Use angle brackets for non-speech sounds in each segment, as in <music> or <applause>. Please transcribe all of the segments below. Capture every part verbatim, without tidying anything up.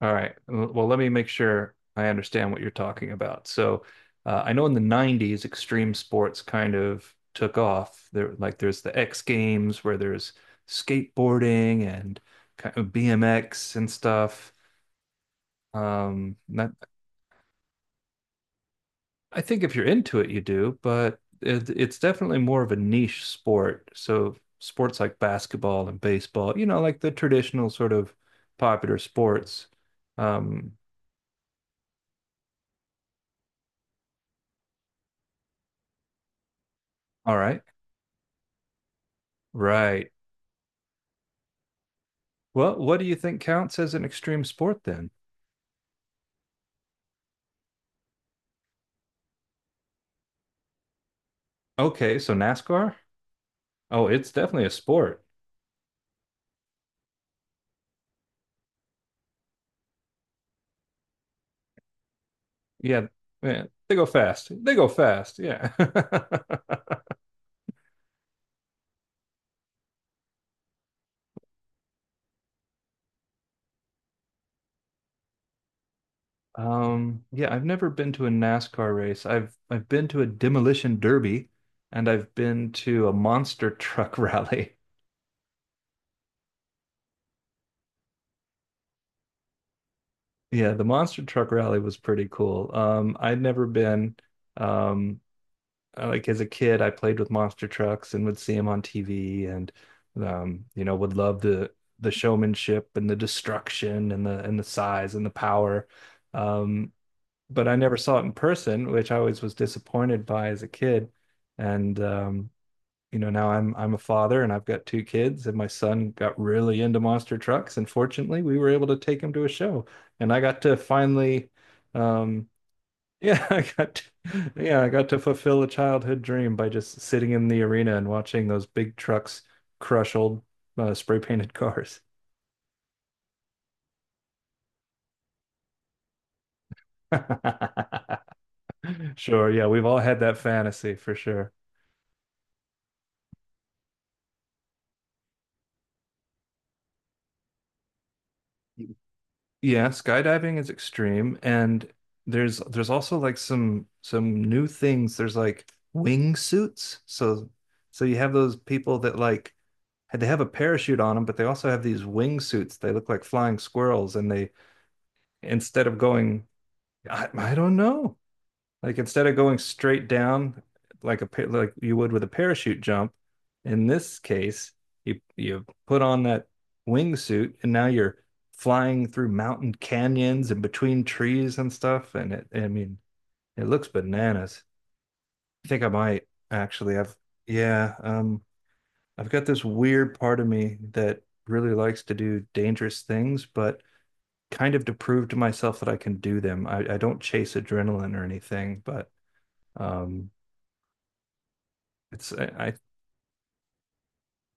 All right. Well, let me make sure I understand what you're talking about. So, uh, I know in the nineties, extreme sports kind of took off. There, like there's the X Games where there's skateboarding and kind of B M X and stuff. Um, not, I think if you're into it, you do, but it, it's definitely more of a niche sport. So, sports like basketball and baseball, you know, like the traditional sort of popular sports. Um, all right. Right. Well, what do you think counts as an extreme sport then? Okay, so NASCAR? Oh, it's definitely a sport. Yeah, yeah, they go fast. They go fast. Yeah. <laughs> Um, yeah, I've never been to a NASCAR race. I've I've been to a demolition derby and I've been to a monster truck <laughs> rally. Yeah, the monster truck rally was pretty cool. Um, I'd never been. Um, uh, like as a kid, I played with monster trucks and would see them on T V, and um, you know, would love the the showmanship and the destruction and the and the size and the power. Um, but I never saw it in person, which I always was disappointed by as a kid. And um, You know, now I'm I'm a father and I've got two kids, and my son got really into monster trucks, and fortunately, we were able to take him to a show, and I got to finally. Um, yeah, <laughs> I got to, yeah, I got to fulfill a childhood dream by just sitting in the arena and watching those big trucks crush old uh, spray painted cars. <laughs> Sure, yeah, we've all had that fantasy for sure. Yeah, skydiving is extreme and there's there's also like some some new things. There's like wingsuits. So so you have those people that like they have a parachute on them, but they also have these wingsuits. They look like flying squirrels and they instead of going I, I don't know. Like instead of going straight down like a pa- like you would with a parachute jump, in this case, you you put on that wingsuit and now you're flying through mountain canyons and between trees and stuff. And it, I mean, it looks bananas. I think I might actually. I've yeah, um, I've got this weird part of me that really likes to do dangerous things, but kind of to prove to myself that I can do them. I, I don't chase adrenaline or anything, but um, it's I, I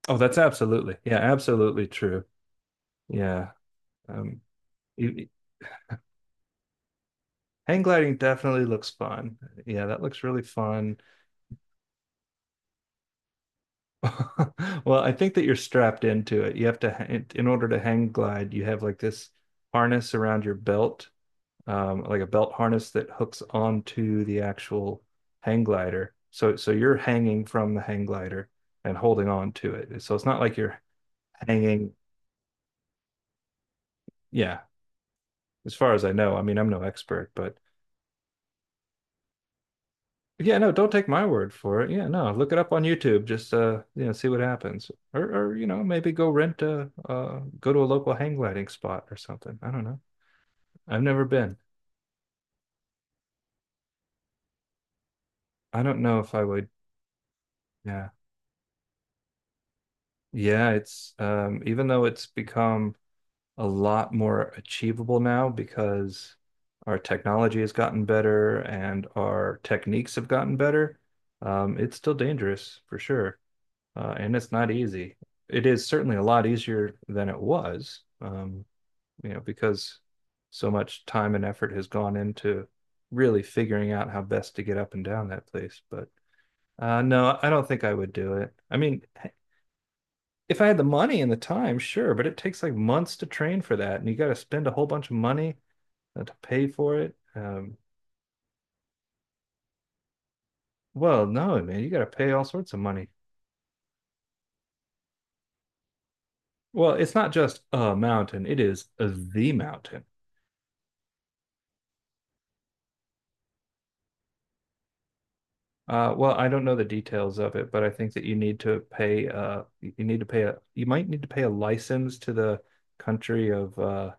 oh, that's absolutely yeah, absolutely true. Yeah. Um, you, Hang gliding definitely looks fun. Yeah, that looks really fun. <laughs> Well, I think that you're strapped into it. You have to ha- In order to hang glide, you have like this harness around your belt, um, like a belt harness that hooks onto the actual hang glider. So so you're hanging from the hang glider and holding on to it. So it's not like you're hanging, yeah, as far as I know. I mean, I'm no expert, but yeah, no, don't take my word for it. Yeah, no, look it up on YouTube. Just uh, you know, see what happens, or or you know, maybe go rent a uh, go to a local hang gliding spot or something. I don't know. I've never been. I don't know if I would. Yeah, yeah. It's um, Even though it's become a lot more achievable now because our technology has gotten better and our techniques have gotten better. Um, it's still dangerous for sure. Uh, and it's not easy. It is certainly a lot easier than it was, um, you know, because so much time and effort has gone into really figuring out how best to get up and down that place. But uh, no, I don't think I would do it. I mean, <laughs> if I had the money and the time, sure, but it takes like months to train for that, and you got to spend a whole bunch of money uh, to pay for it. Um, well, no, man, you got to pay all sorts of money. Well, it's not just a mountain, it is the mountain. Uh, well, I don't know the details of it, but I think that you need to pay uh you need to pay a you might need to pay a license to the country of uh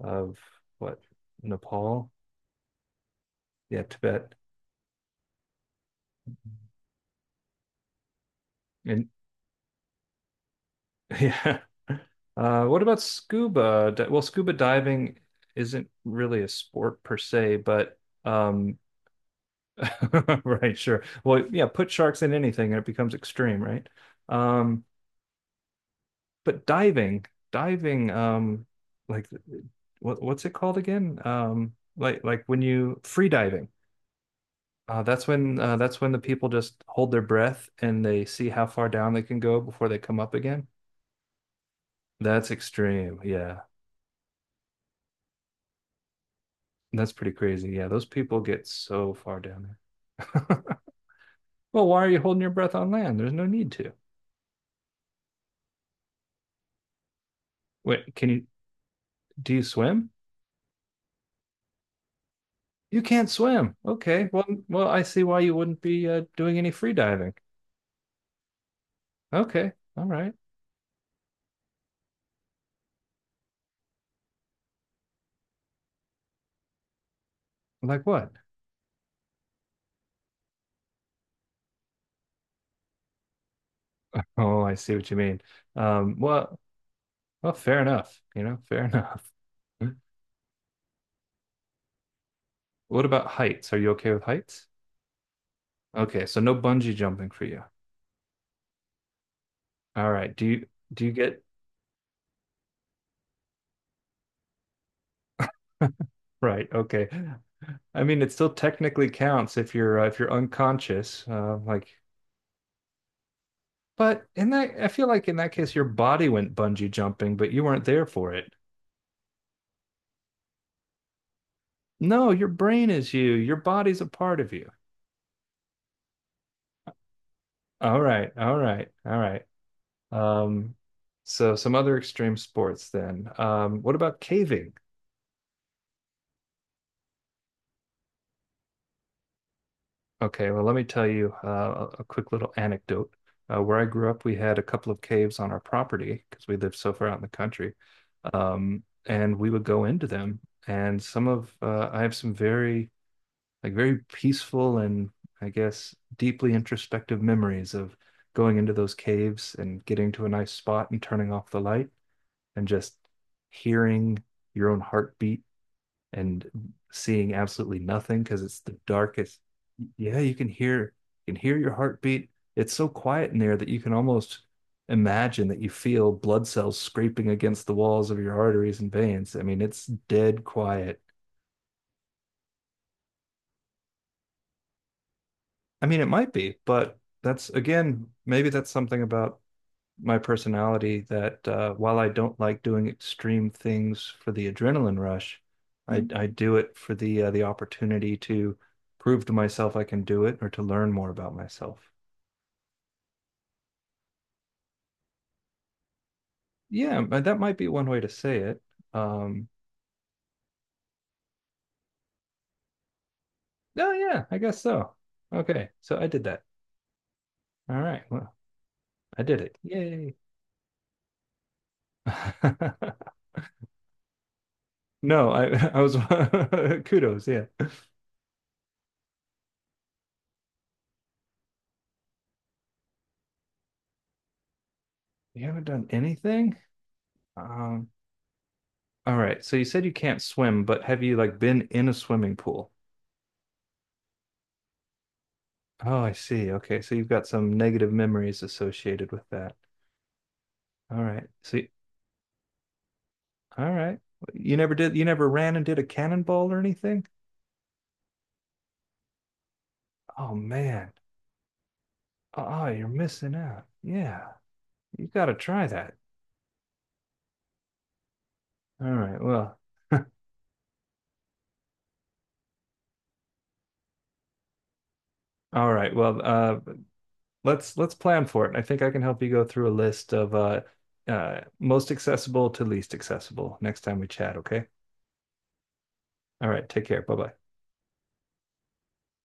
of what Nepal? Yeah, Tibet. And <laughs> yeah. Uh, what about scuba? di- Well, scuba diving isn't really a sport per se, but um <laughs> right, sure. Well, yeah, put sharks in anything and it becomes extreme, right? Um but diving, diving, um, like what what's it called again? Um, like like when you free diving. Uh, that's when uh, that's when the people just hold their breath and they see how far down they can go before they come up again. That's extreme. Yeah. That's pretty crazy. Yeah, those people get so far down there. <laughs> Well, why are you holding your breath on land? There's no need to. Wait, can you Do you swim? You can't swim. Okay. Well, well, I see why you wouldn't be uh, doing any free diving. Okay. All right. Like what? Oh, I see what you mean. Um, well, well, fair enough. You know, fair enough. <laughs> What about heights? Are you okay with heights? Okay, so no bungee jumping for you. All right. Do you do you get <laughs> right? Okay. I mean, it still technically counts if you're uh, if you're unconscious. Uh, like, but in that, I feel like in that case, your body went bungee jumping, but you weren't there for it. No, your brain is you. Your body's a part of you. All right. All right. All right. Um, so some other extreme sports then. Um, what about caving? Okay, well, let me tell you uh, a quick little anecdote. Uh, where I grew up, we had a couple of caves on our property because we lived so far out in the country. Um, and we would go into them. And some of, uh, I have some very, like, very peaceful and I guess deeply introspective memories of going into those caves and getting to a nice spot and turning off the light and just hearing your own heartbeat and seeing absolutely nothing because it's the darkest. Yeah, you can hear you can hear your heartbeat. It's so quiet in there that you can almost imagine that you feel blood cells scraping against the walls of your arteries and veins. I mean, it's dead quiet. I mean, it might be, but that's again, maybe that's something about my personality that uh, while I don't like doing extreme things for the adrenaline rush, mm-hmm. I, I do it for the uh, the opportunity to prove to myself I can do it or to learn more about myself. Yeah, that might be one way to say it. Um, oh yeah, I guess so. Okay, so I did that. All right, well, I did it. Yay. <laughs> No, I I was <laughs> kudos, yeah. You haven't done anything? Um, All right. So you said you can't swim, but have you like been in a swimming pool? Oh, I see. Okay. So you've got some negative memories associated with that. All right. So, you- all right. You never did, you never ran and did a cannonball or anything? Oh, man. Oh, you're missing out. Yeah. You got to try that. All right. Well, all right. Well, uh, let's let's plan for it. I think I can help you go through a list of uh, uh, most accessible to least accessible next time we chat, okay? All right. Take care. Bye-bye.